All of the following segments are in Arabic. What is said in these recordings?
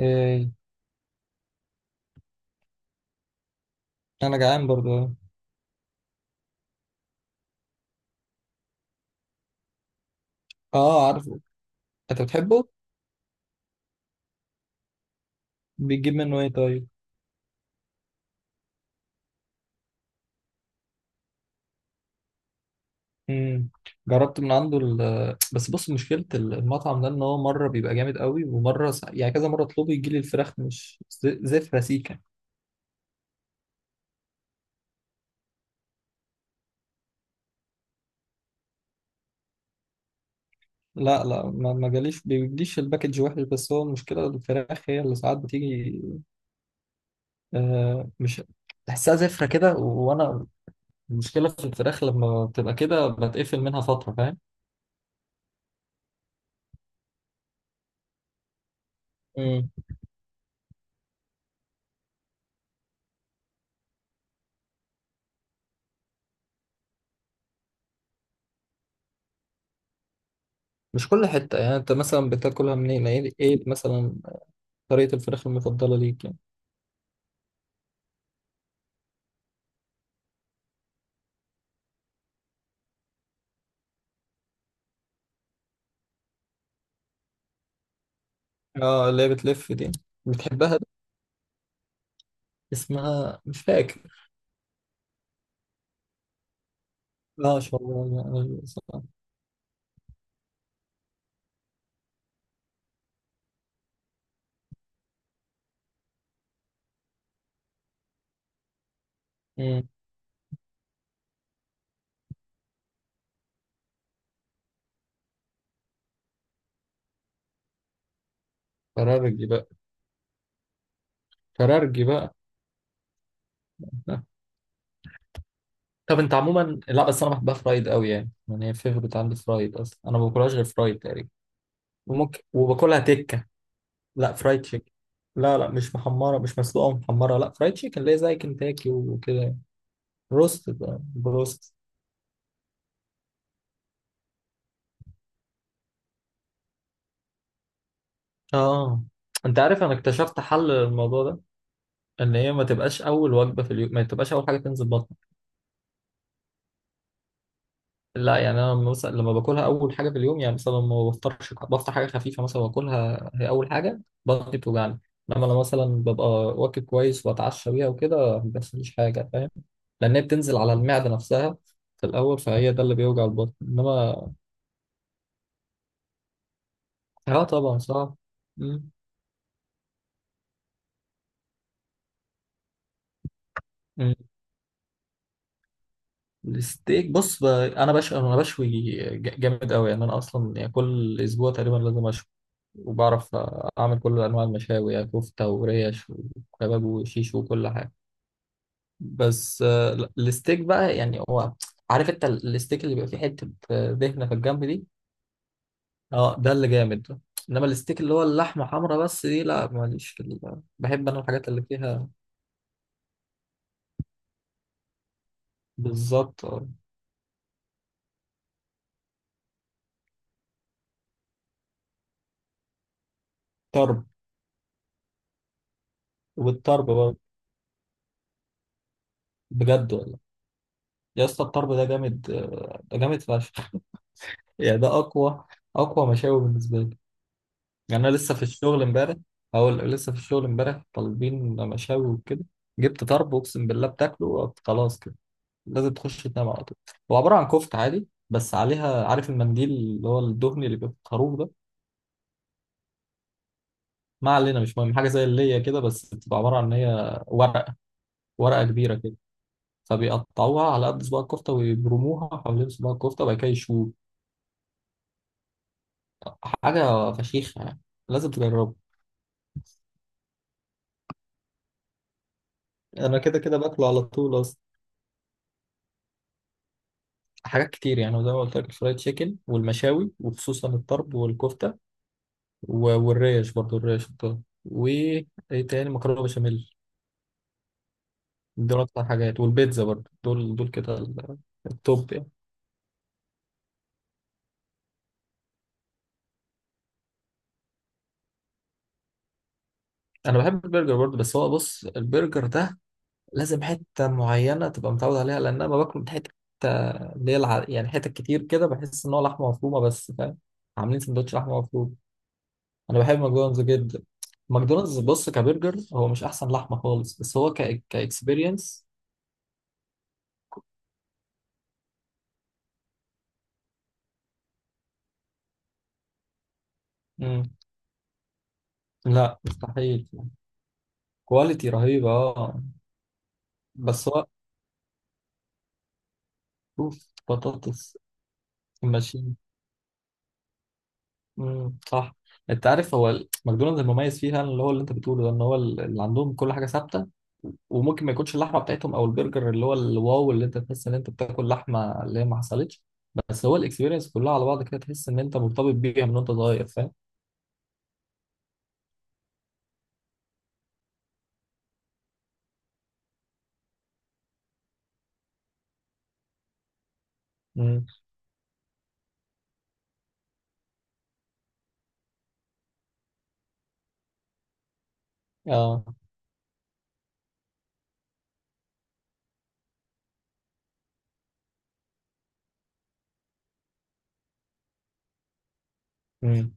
ايه؟ انا جعان برضه. اه، عارفه. انت بتحبه؟ بتجيب منه ايه طيب؟ امم جربت من عنده ال... آه، بس بص، مشكله المطعم ده ان هو مره بيبقى جامد قوي ومره يعني كذا مره اطلبه يجي لي الفراخ مش زفره سيكه. لا لا، ما جاليش، بيجيش الباكج وحش، بس هو المشكله الفراخ هي اللي ساعات بتيجي مش تحسها زفره كده وانا المشكله في الفراخ لما بتبقى كده بتقفل منها فتره، فاهم؟ مم. مش كل حتة يعني. انت مثلا بتاكلها منين؟ ايه إيه مثلا طريقة الفراخ المفضلة ليك يعني؟ اه، اللي هي بتلف دي؟ بتحبها دي؟ اسمها مش فاكر. اه، شوايه، ايوه صح. امم فرارجي بقى. فرارجي بقى. آه. طب انت عموما، لا بس انا بحبها فرايد قوي يعني، يعني هي فيفورت عندي، فرايد اصلا انا ما باكلهاش غير فرايد تقريبا. وممكن وباكلها تكه. لا، فرايد تشيكن. لا لا، مش محمره، مش مسلوقه ومحمره، لا فرايد تشيكن اللي هي زي كنتاكي وكده. روست بقى، بروست. اه، انت عارف انا اكتشفت حل للموضوع ده؟ ان هي ما تبقاش اول وجبه في اليوم، ما تبقاش اول حاجه تنزل بطنك. لا يعني، انا مثلا لما باكلها اول حاجه في اليوم، يعني مثلا ما بفطرش، بفطر حاجه خفيفه مثلا واكلها هي اول حاجه، بطني بتوجعني. انما انا مثلا ببقى واكل كويس واتعشى بيها وكده، ما بيحصليش حاجه، فاهم؟ لان هي بتنزل على المعده نفسها في الاول، فهي ده اللي بيوجع البطن. انما اه، طبعا صعب. مم. الستيك بص انا بشوي، انا بشوي جامد قوي يعني، انا اصلا يعني كل اسبوع تقريبا لازم اشوي. وبعرف اعمل كل انواع المشاوي، يعني كفته وريش وكباب وشيش وكل حاجه. بس لا، الستيك بقى يعني هو، عارف انت الستيك اللي بيبقى فيه حته دهنه في الجنب دي؟ اه، ده اللي جامد. انما الستيك اللي هو اللحمه حمرا بس دي لا، ماليش في ال... بحب انا الحاجات اللي فيها. بالظبط آه، طرب. والطرب برضه. بجد، يا اسطى الطرب ده جامد آه، ده جامد فشخ. يعني ده اقوى، اقوى مشاوي بالنسبه لي. يعني انا لسه في الشغل امبارح، هقول لسه في الشغل امبارح طالبين مشاوي وكده، جبت طرب اقسم بالله بتاكله خلاص كده لازم تخش تنام على طول. هو عباره عن كفته عادي بس عليها، عارف المنديل اللي هو الدهني اللي بيبقى في الخروف ده؟ ما علينا، مش مهم، حاجه زي اللي هي كده، بس بتبقى عباره عن ان هي ورقه، ورقه كبيره كده، فبيقطعوها على قد صباع الكفته ويبرموها حوالين صباع الكفته وبعد كده يشوها. حاجة فشيخة يعني، لازم تجربه. أنا كده كده باكله على طول أصلا. حاجات كتير يعني، وزي ما قلت لك الفرايد تشيكن والمشاوي وخصوصا الطرب والكفتة والريش برضو، الريش الطرب وإيه تاني، مكرونة بشاميل. دول أكتر حاجات، والبيتزا برضو، دول دول كده التوب يعني. أنا بحب البرجر برضو، بس هو بص البرجر ده لازم حتة معينة تبقى متعود عليها، لأن أنا ما باكله من حتة اللي هي يعني حتت كتير كده بحس إن هو لحمة مفرومة بس، فاهم؟ عاملين سندوتش لحمة مفرومة. انا بحب ماكدونالدز جدا. ماكدونالدز بص كبرجر هو مش احسن لحمه خالص، بس هو ك، كاكسبيرينس. لا مستحيل، كواليتي رهيبه اه. بس هو، اوف، بطاطس الماشين. مم، صح. انت عارف هو ماكدونالدز المميز فيها اللي هو اللي انت بتقوله ده، ان هو اللي عندهم كل حاجه ثابته. وممكن ما يكونش اللحمه بتاعتهم او البرجر اللي هو الواو اللي انت تحس ان انت بتاكل لحمه، اللي هي ما حصلتش، بس هو الاكسبيرينس كلها على بعض كده تحس ان انت مرتبط بيها من وانت صغير، فاهم؟ مم. اه. مم.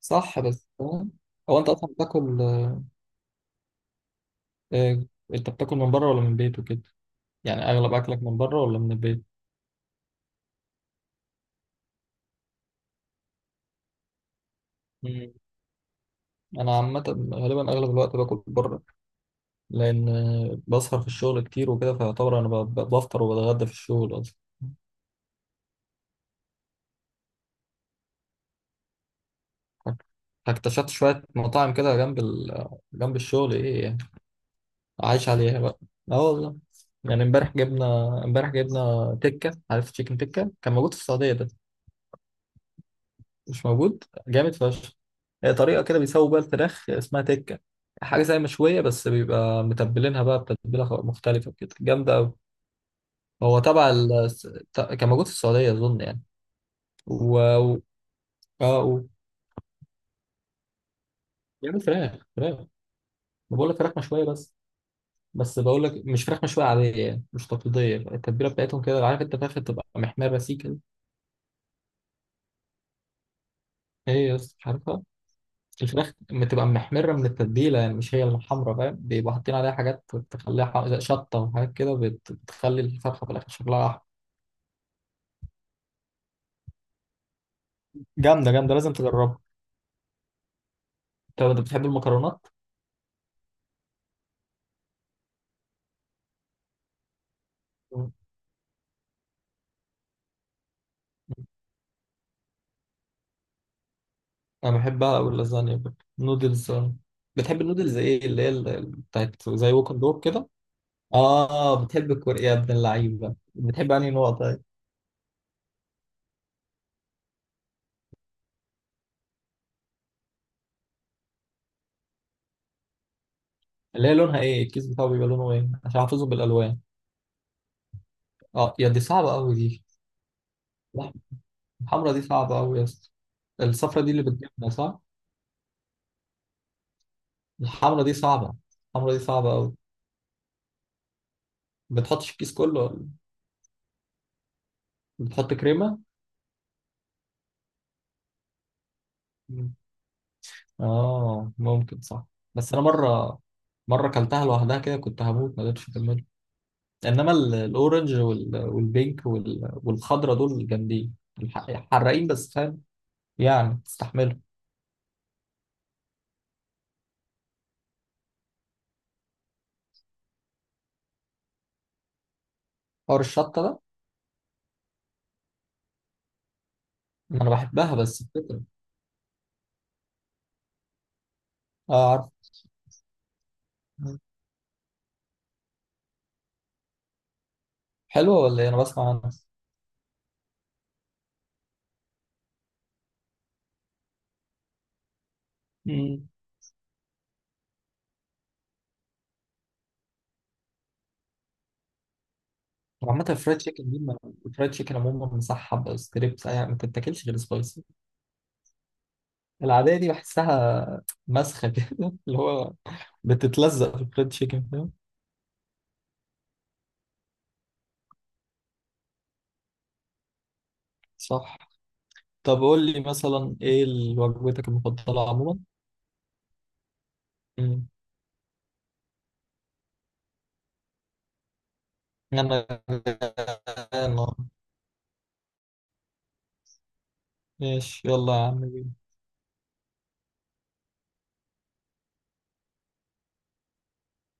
صح بس فاهم. هو انت اصلا بتاكل آه، انت بتاكل من بره ولا من البيت وكده؟ يعني اغلب اكلك من بره ولا من البيت؟ مم. انا عامه غالبا اغلب الوقت باكل بره، لان آه، بسهر في الشغل كتير وكده، فيعتبر انا بفطر وبتغدى في الشغل اصلا. اكتشفت شويه مطاعم كده جنب ال... جنب الشغل ايه يعني، عايش عليها بقى. اه والله. يعني امبارح جبنا، امبارح جبنا تكه. عارف تشيكن تكه كان موجود في السعوديه ده؟ مش موجود جامد فشخ. هي طريقة كده بيسووا بيها الفراخ اسمها تكة، حاجة زي مشوية بس بيبقى متبلينها بقى بتتبيلة مختلفة كده، جامدة أوي. هو تبع ال... كان موجود في السعودية أظن يعني. و... و... اه و... بيعمل فراخ، فراخ، ما بقول لك فراخ مشوية بس. بس بقول لك مش فراخ مشوية عادية يعني، مش تقليدية، التتبيلة بتاعتهم كده، عارف انت فراخ بتبقى محمرة سيكا؟ هي يس، مش عارفها. الفراخ بتبقى محمرة من التتبيلة، يعني مش هي الحمرا، فاهم؟ بيبقوا حاطين عليها حاجات تخليها زي شطة وحاجات كده، بتخلي الفرخة في الآخر شكلها أحمر. جامدة جامدة، لازم تجربها. طب أنت بتحب المكرونات؟ مم. أنا بحبها أوي اللازانيا برضه. نودلز آه. بتحب النودلز إيه، اللي هي بتاعت زي ووك أند دور كده؟ آه بتحب الكوري يا ابن اللعيبة، بتحب أنهي نوع طيب؟ اللي هي لونها إيه؟ الكيس بتاعه بيبقى لونه إيه؟ عشان حافظه بالألوان. آه يا دي صعبة أوي دي. الحمرا دي صعبة أوي يا اسطى. الصفرا دي اللي بتجيبنا صح؟ الحمرا دي صعبة، الحمرا دي صعبة أوي. بتحطش الكيس كله ولا؟ بتحط كريمة؟ مم. آه ممكن صح. بس أنا مرة، مرة كلتها لوحدها كده كنت هموت، ما قدرتش أكملها. إنما الأورنج وال... والبينك وال... والخضرا دول جامدين، حراقين بس فاهم، يعني تستحملهم. حوار الشطة ده. أنا بحبها بس الفكرة. آه عارف. حلوة ولا إيه؟ أنا بسمع عنها. مم. عامة الفرايد تشيكن دي الفرايد تشيكن عموما مصحب ستريبس، يعني ما تتاكلش غير سبايسي. العادية دي بحسها مسخة كده اللي هو بتتلزق في الفرايد تشيكن، فاهم؟ صح. طب قول لي مثلا ايه وجبتك المفضلة عموما؟ مم. انا غرقان. ماشي، يلا يا عم بينا.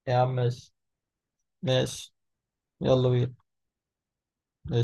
يا عم ماشي. ماشي يلا بينا. ماشي.